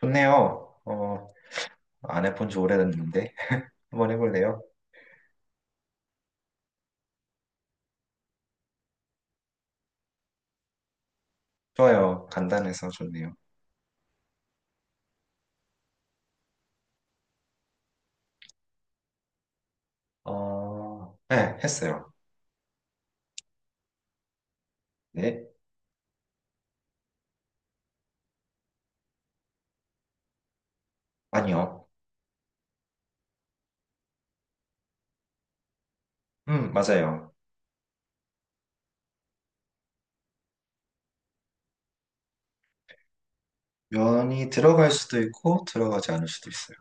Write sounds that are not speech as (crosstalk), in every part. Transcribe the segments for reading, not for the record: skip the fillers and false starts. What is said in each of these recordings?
좋네요. 안 해본 지 오래됐는데. (laughs) 한번 해볼래요? 좋아요. 간단해서 좋네요. 네, 했어요. 네? 아니요. 맞아요. 면이 들어갈 수도 있고, 들어가지 않을 수도 있어요.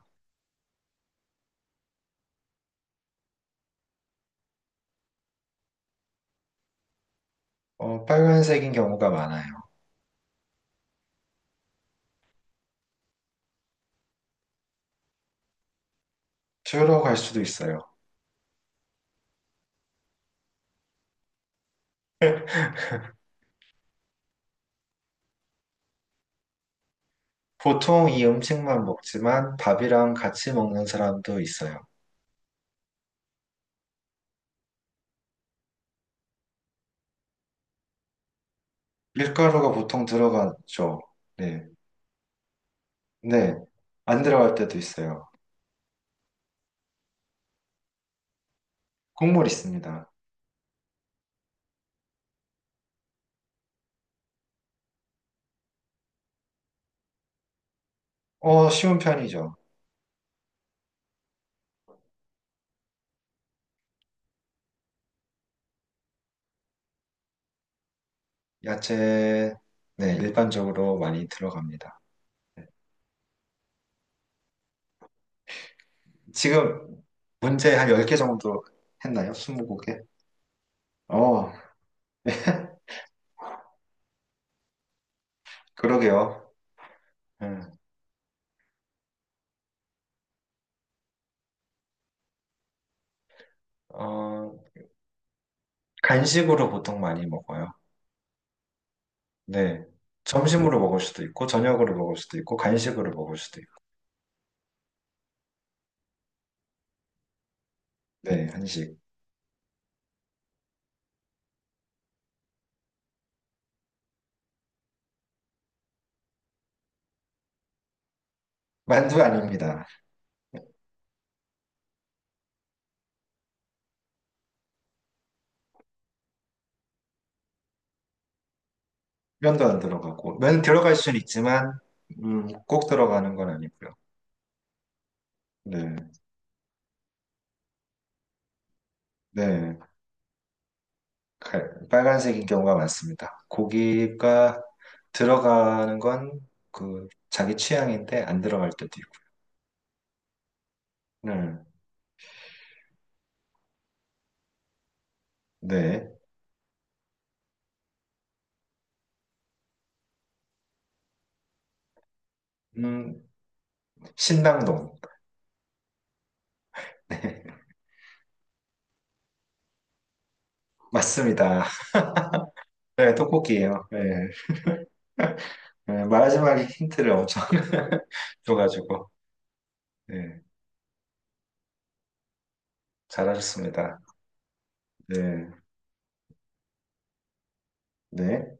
빨간색인 경우가 많아요. 들어갈 수도 있어요. 보통 이 음식만 먹지만 밥이랑 같이 먹는 사람도 있어요. 밀가루가 보통 들어가죠. 네. 네. 안 들어갈 때도 있어요. 국물 있습니다. 쉬운 편이죠. 야채, 네, 일반적으로 많이 들어갑니다. 지금 문제 한 10개 정도 했나요? 20곡에? 어, 그러게요. 음, 어, 간식으로 보통 많이 먹어요. 네. 점심으로 먹을 수도 있고, 저녁으로 먹을 수도 있고, 간식으로 먹을 수도 있고. 네, 한식. 만두 아닙니다. 면도 안 들어가고. 면 들어갈 수는 있지만, 꼭 들어가는 건 아니고요. 네, 네. 칼, 빨간색인 경우가 많습니다. 고기가 들어가는 건 그 자기 취향인데 안 들어갈 때도 있고. 네. 네. 음, 신당동. (laughs) 맞습니다. 네, 떡볶이에요. 네. 네, 마지막에 힌트를 엄청 (laughs) 줘가지고. 네, 잘하셨습니다. 네. 네.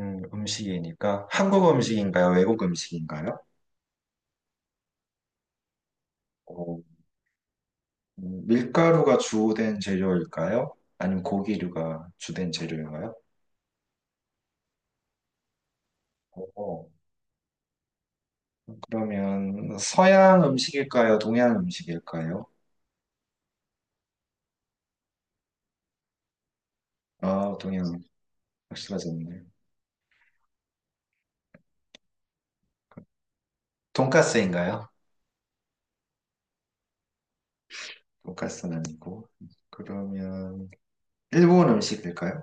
음식이니까 한국 음식인가요? 외국 음식인가요? 어, 밀가루가 주된 재료일까요? 아니면 고기류가 주된 재료인가요? 어, 그러면 서양 음식일까요? 동양 음식일까요? 아, 동양 확실하졌네요. 돈까스인가요? 돈까스는 아니고. 그러면 일본 음식일까요?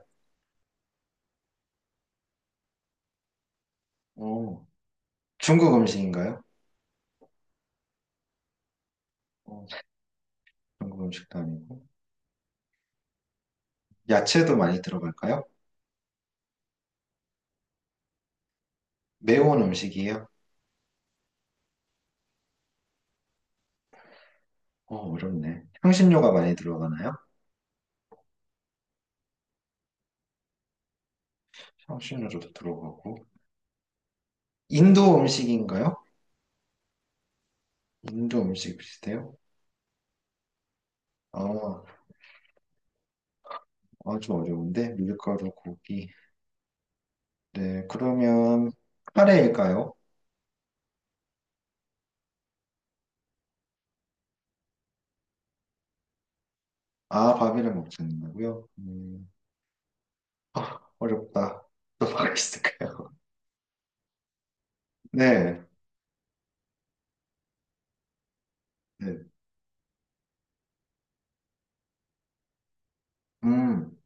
어, 중국 음식인가요? 어, 중국 음식도 아니고. 야채도 많이 들어갈까요? 매운 음식이에요? 어, 어렵네. 향신료가 많이 들어가나요? 향신료도 들어가고. 인도 음식인가요? 인도 음식 비슷해요? 어, 아, 좀 어려운데. 밀가루, 고기. 네, 그러면 카레일까요? 아, 바비를 먹지 않는다고요? 아, 어렵다. 또 뭐가 있을까요? (laughs) 네, 네, 음,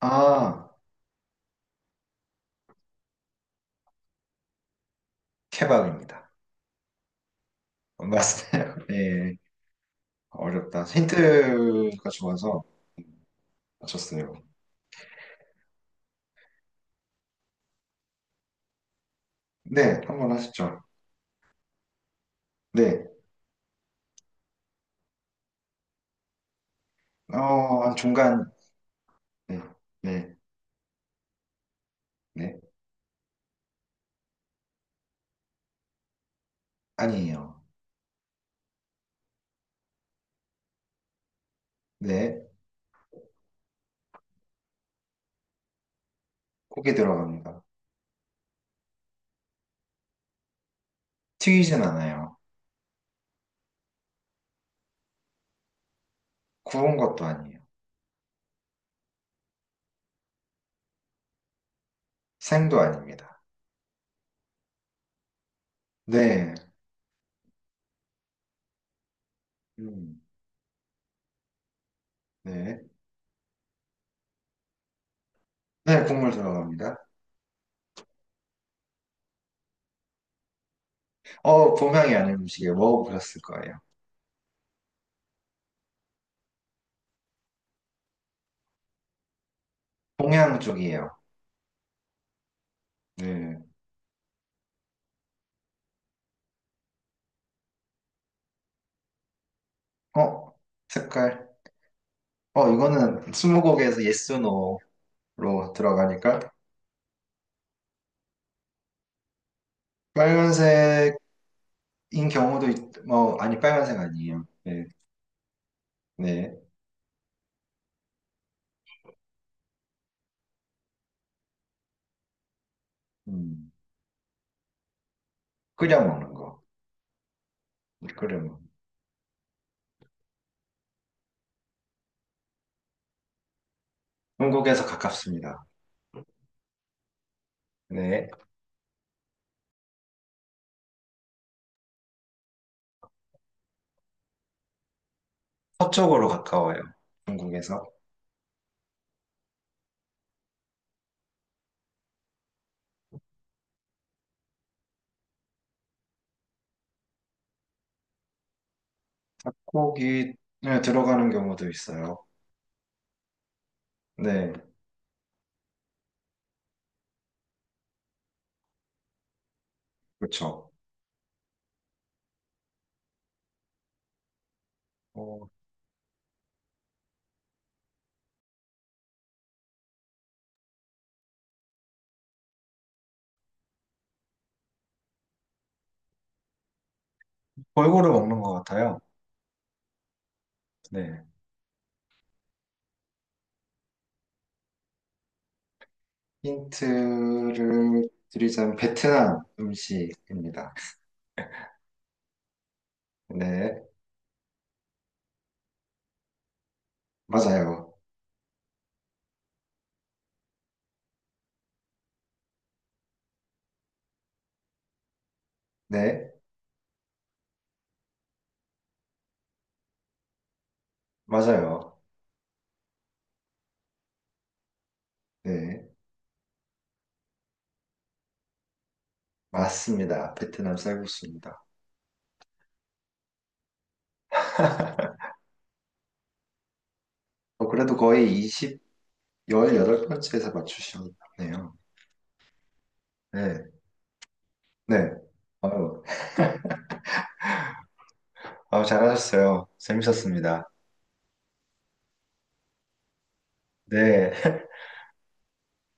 아, 케밥입니다. 맞아요. (laughs) 네, 어렵다. 힌트가 좋아서 맞췄어요. 네, 한 번 하시죠. 네, 어, 한 중간, 네, 네, 네, 아니에요. 네, 고기 들어갑니다. 튀기진 않아요. 구운 것도 아니에요. 생도 아닙니다. 네, 음, 네. 네, 국물 들어갑니다. 동양이 아닌 음식이에요. 먹어보셨을 거예요. 동양 쪽이에요. 네. 어, 색깔. 이거는 스무고개에서 yes, no로 들어가니까 빨간색인 경우도 있, 뭐, 아니, 빨간색 아니에요. 네, 네. 음, 끓여 먹는 거. 끓여 먹는 거. 중국에서 가깝습니다. 네. 서쪽으로 가까워요. 중국에서. 닭고기 네, 들어가는 경우도 있어요. 네, 그렇죠. 어, 골고루 먹는 것 같아요. 네. 힌트를 드리자면 베트남 음식입니다. 네, 맞아요. 네, 맞아요. 네, 맞습니다. 베트남 쌀국수입니다. 어, 그래도 거의 20, 18번째에서 맞추셨네요. 네, 네. 아유, 아유, 잘하셨어요. 재밌었습니다. 네.